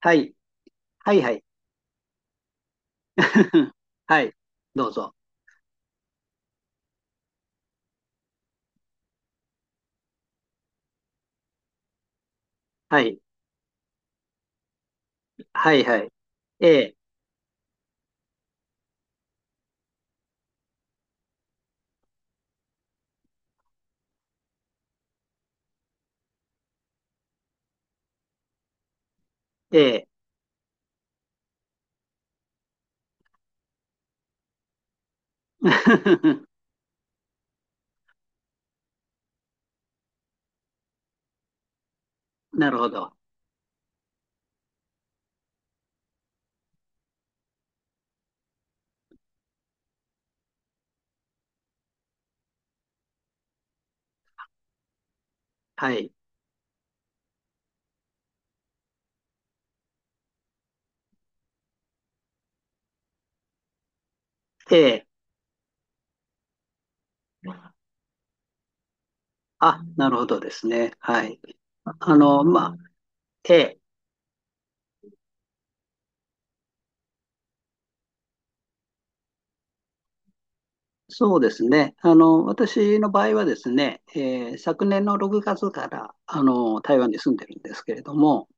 はい。はいはい。はい。どうぞ。はい。はいはい。ええ、ええ。なるほど。はい。ええ。あ、なるほどですね。はい。あの、まあ、ええ。そうですね。あの、私の場合はですね、ええ昨年の6月から、あの、台湾に住んでるんですけれども、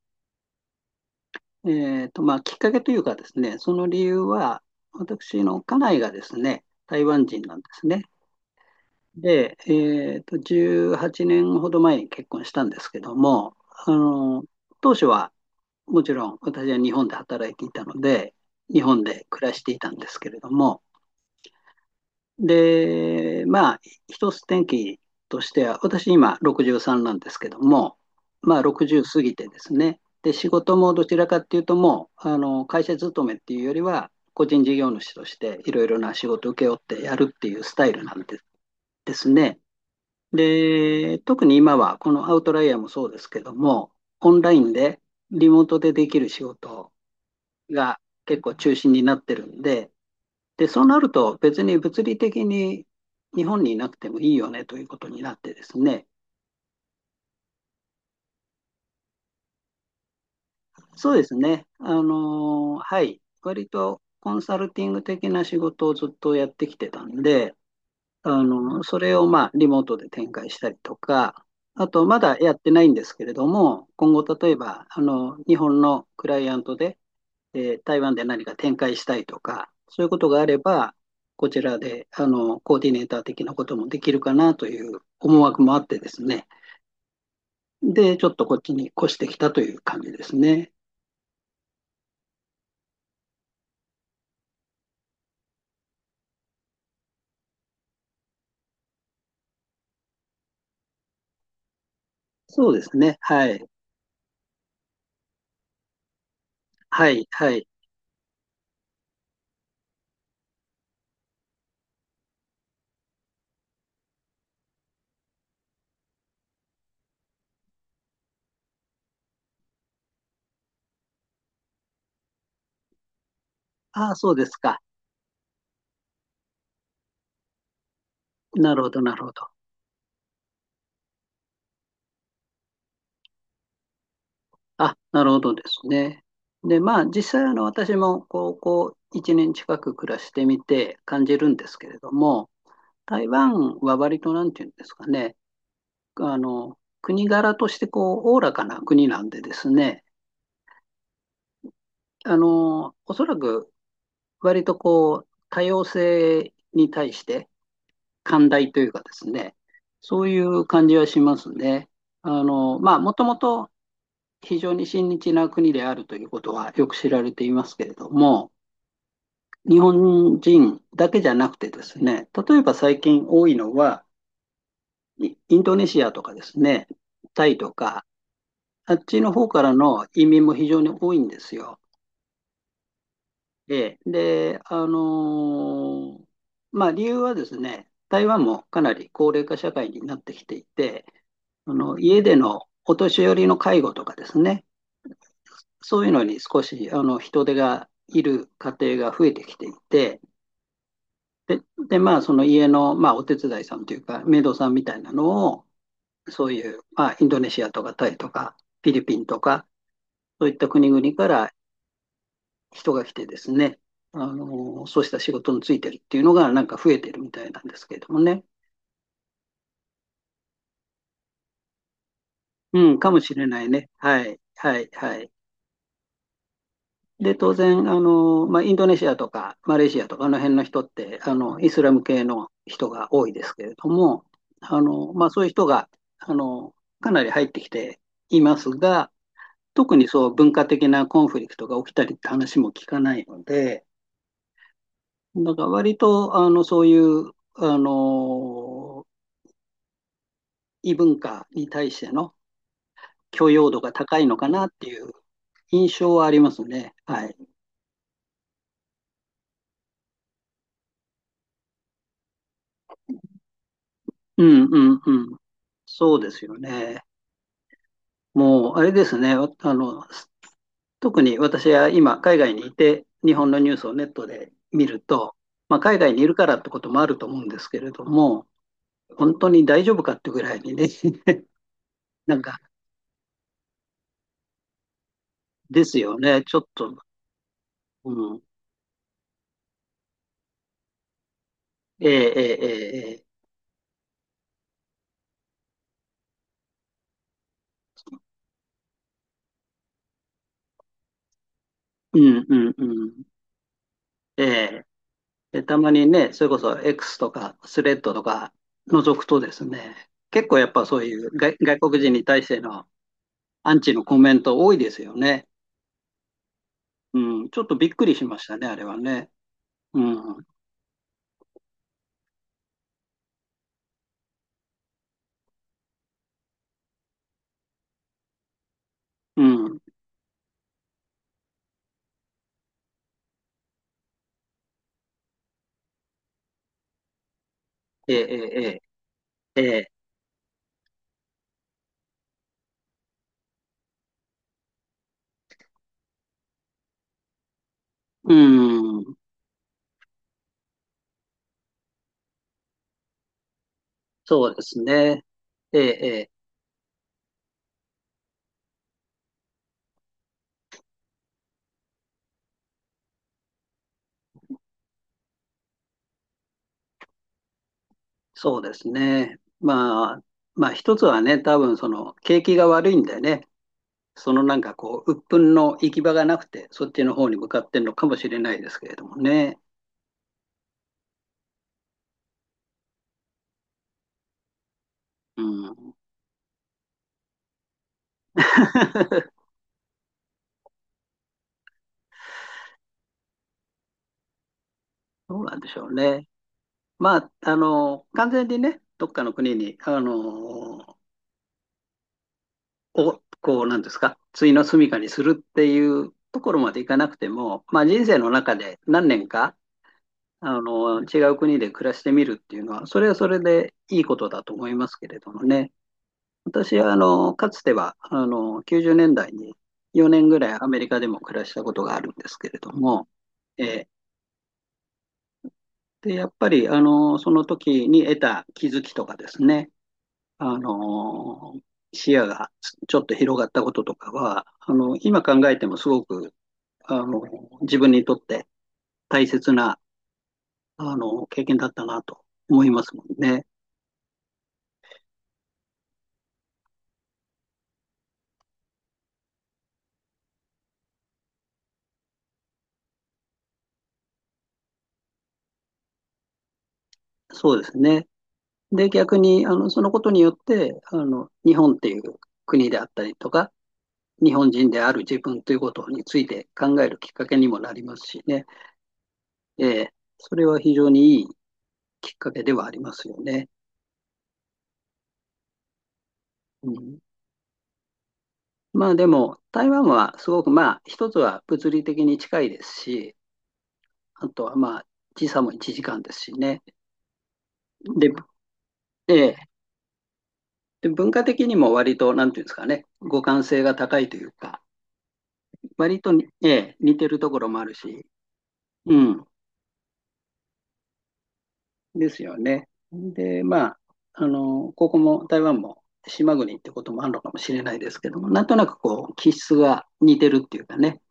まあ、きっかけというかですね、その理由は、私の家内がですね、台湾人なんですね。で、18年ほど前に結婚したんですけども、あの、当初はもちろん私は日本で働いていたので、日本で暮らしていたんですけれども、で、まあ、一つ転機としては、私今63なんですけども、まあ60過ぎてですね、で、仕事もどちらかっていうともう、あの、会社勤めっていうよりは、個人事業主としていろいろな仕事を請け負ってやるっていうスタイルなんでですね。で、特に今はこのアウトライヤーもそうですけども、オンラインでリモートでできる仕事が結構中心になってるんで、で、そうなると別に物理的に日本にいなくてもいいよねということになってですね。そうですね。はい。割とコンサルティング的な仕事をずっとやってきてたんで、あの、それをまあリモートで展開したりとか、あとまだやってないんですけれども、今後例えば、あの、日本のクライアントで、台湾で何か展開したいとか、そういうことがあれば、こちらで、あの、コーディネーター的なこともできるかなという思惑もあってですね。で、ちょっとこっちに越してきたという感じですね。そうですね。はい。はい。はい。ああ、そうですか。なるほど、なるほど。あ、なるほどですね。で、まあ、実際、あの、私も高校1年近く暮らしてみて感じるんですけれども、台湾は割と、なんていうんですかね、あの、国柄として、こう、おおらかな国なんでですね、あの、おそらく、割と、こう、多様性に対して、寛大というかですね、そういう感じはしますね。あの、まあ、もともと、非常に親日な国であるということはよく知られていますけれども、日本人だけじゃなくてですね、例えば最近多いのは、インドネシアとかですね、タイとか、あっちの方からの移民も非常に多いんですよ。ええで、ーまあ理由はですね、台湾もかなり高齢化社会になってきていて、あの家でのお年寄りの介護とかですね、そういうのに少しあの人手がいる家庭が増えてきていて、で、で、まあ、その家の、まあ、お手伝いさんというか、メイドさんみたいなのを、そういう、まあ、インドネシアとかタイとか、フィリピンとか、そういった国々から人が来てですね、あの、そうした仕事についてるっていうのが、なんか増えてるみたいなんですけれどもね。うん、かもしれないね。はい、はい、はい。で、当然、あの、まあ、インドネシアとかマレーシアとかあの辺の人って、あの、イスラム系の人が多いですけれども、あの、まあ、そういう人が、あの、かなり入ってきていますが、特にそう文化的なコンフリクトが起きたりって話も聞かないので、だから割と、あの、そういう、あの、異文化に対しての許容度が高いのかなっていう印象はありますね。はい。うんうんうん。そうですよね。もう、あれですね。わあの、特に私は今、海外にいて、日本のニュースをネットで見ると、まあ、海外にいるからってこともあると思うんですけれども、本当に大丈夫かってぐらいにね、なんか、ですよね。ちょっと、うん。ええええええうんうんうん。ええでたまにね、それこそ X とかスレッドとか覗くとですね、結構やっぱそういう外国人に対してのアンチのコメント多いですよね。うん、ちょっとびっくりしましたね、あれはね。うん、うん、ええ、ええ、ええ、うん、そうですね。ええ、ええ、そうですね。まあ一つはね、多分その景気が悪いんでね、そのなんかこう、鬱憤の行き場がなくて、そっちの方に向かってるのかもしれないですけれどもね。うん。どうなんでしょうね。まあ、あの、完全にね、どっかの国に、あの、を、こう、なんですか、終の住処にするっていうところまでいかなくても、まあ、人生の中で何年か、あの、違う国で暮らしてみるっていうのは、それはそれでいいことだと思いますけれどもね。私は、あの、かつては、あの、90年代に4年ぐらいアメリカでも暮らしたことがあるんですけれども、えーで、やっぱり、あの、その時に得た気づきとかですね、あのー視野がちょっと広がったこととかは、あの、今考えてもすごく、あの、自分にとって大切な、あの、経験だったなと思いますもんね。そうですね。で、逆に、あの、そのことによって、あの、日本っていう国であったりとか、日本人である自分ということについて考えるきっかけにもなりますしね。えーそれは非常にいいきっかけではありますよね。うんまあでも、台湾はすごくまあ、一つは物理的に近いですし、あとはまあ、時差も1時間ですしね。で、ええで文化的にも割と、なんていうんですかね、互換性が高いというか、割とに、ええ似てるところもあるし、うん、ですよね。で、まあ、あの、ここも台湾も島国ってこともあるのかもしれないですけども、なんとなくこう、気質が似てるっていうかね、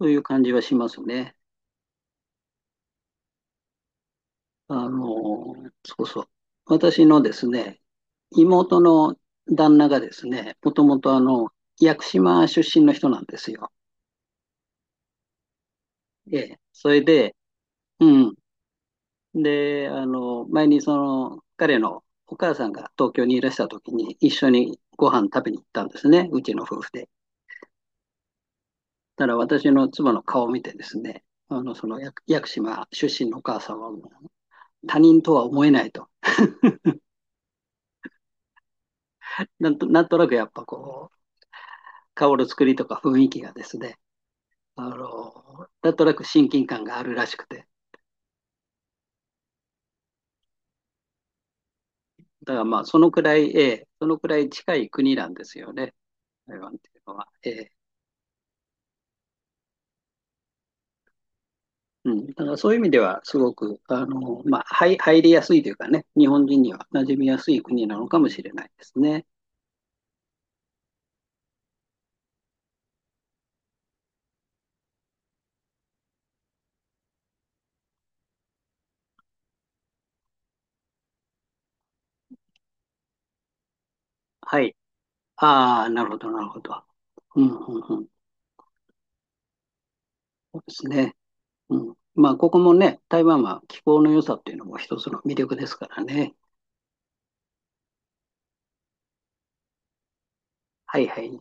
そういう感じはしますね。あの、そうそう。私のですね、妹の旦那がですね、もともとあの、屋久島出身の人なんですよ。ええ、それで、うん。で、あの、前にその、彼のお母さんが東京にいらした時に一緒にご飯食べに行ったんですね、うちの夫婦で。ただ私の妻の顔を見てですね、あの、その屋久島出身のお母さんはもう他人とは思えないと。なんとなくやっぱこう、顔の作りとか雰囲気がですね、あの、なんとなく親近感があるらしくて。だからまあ、そのくらい、ええそのくらい近い国なんですよね、台湾っていうのは。ええうん、だからそういう意味では、すごく、あの、まあ、はい入りやすいというかね、日本人には馴染みやすい国なのかもしれないですね。はい。ああ、なるほど、なるほど。うん、うん、うん。そうですね。うん。まあ、ここもね、台湾は気候の良さっていうのも一つの魅力ですからね。はい、はい。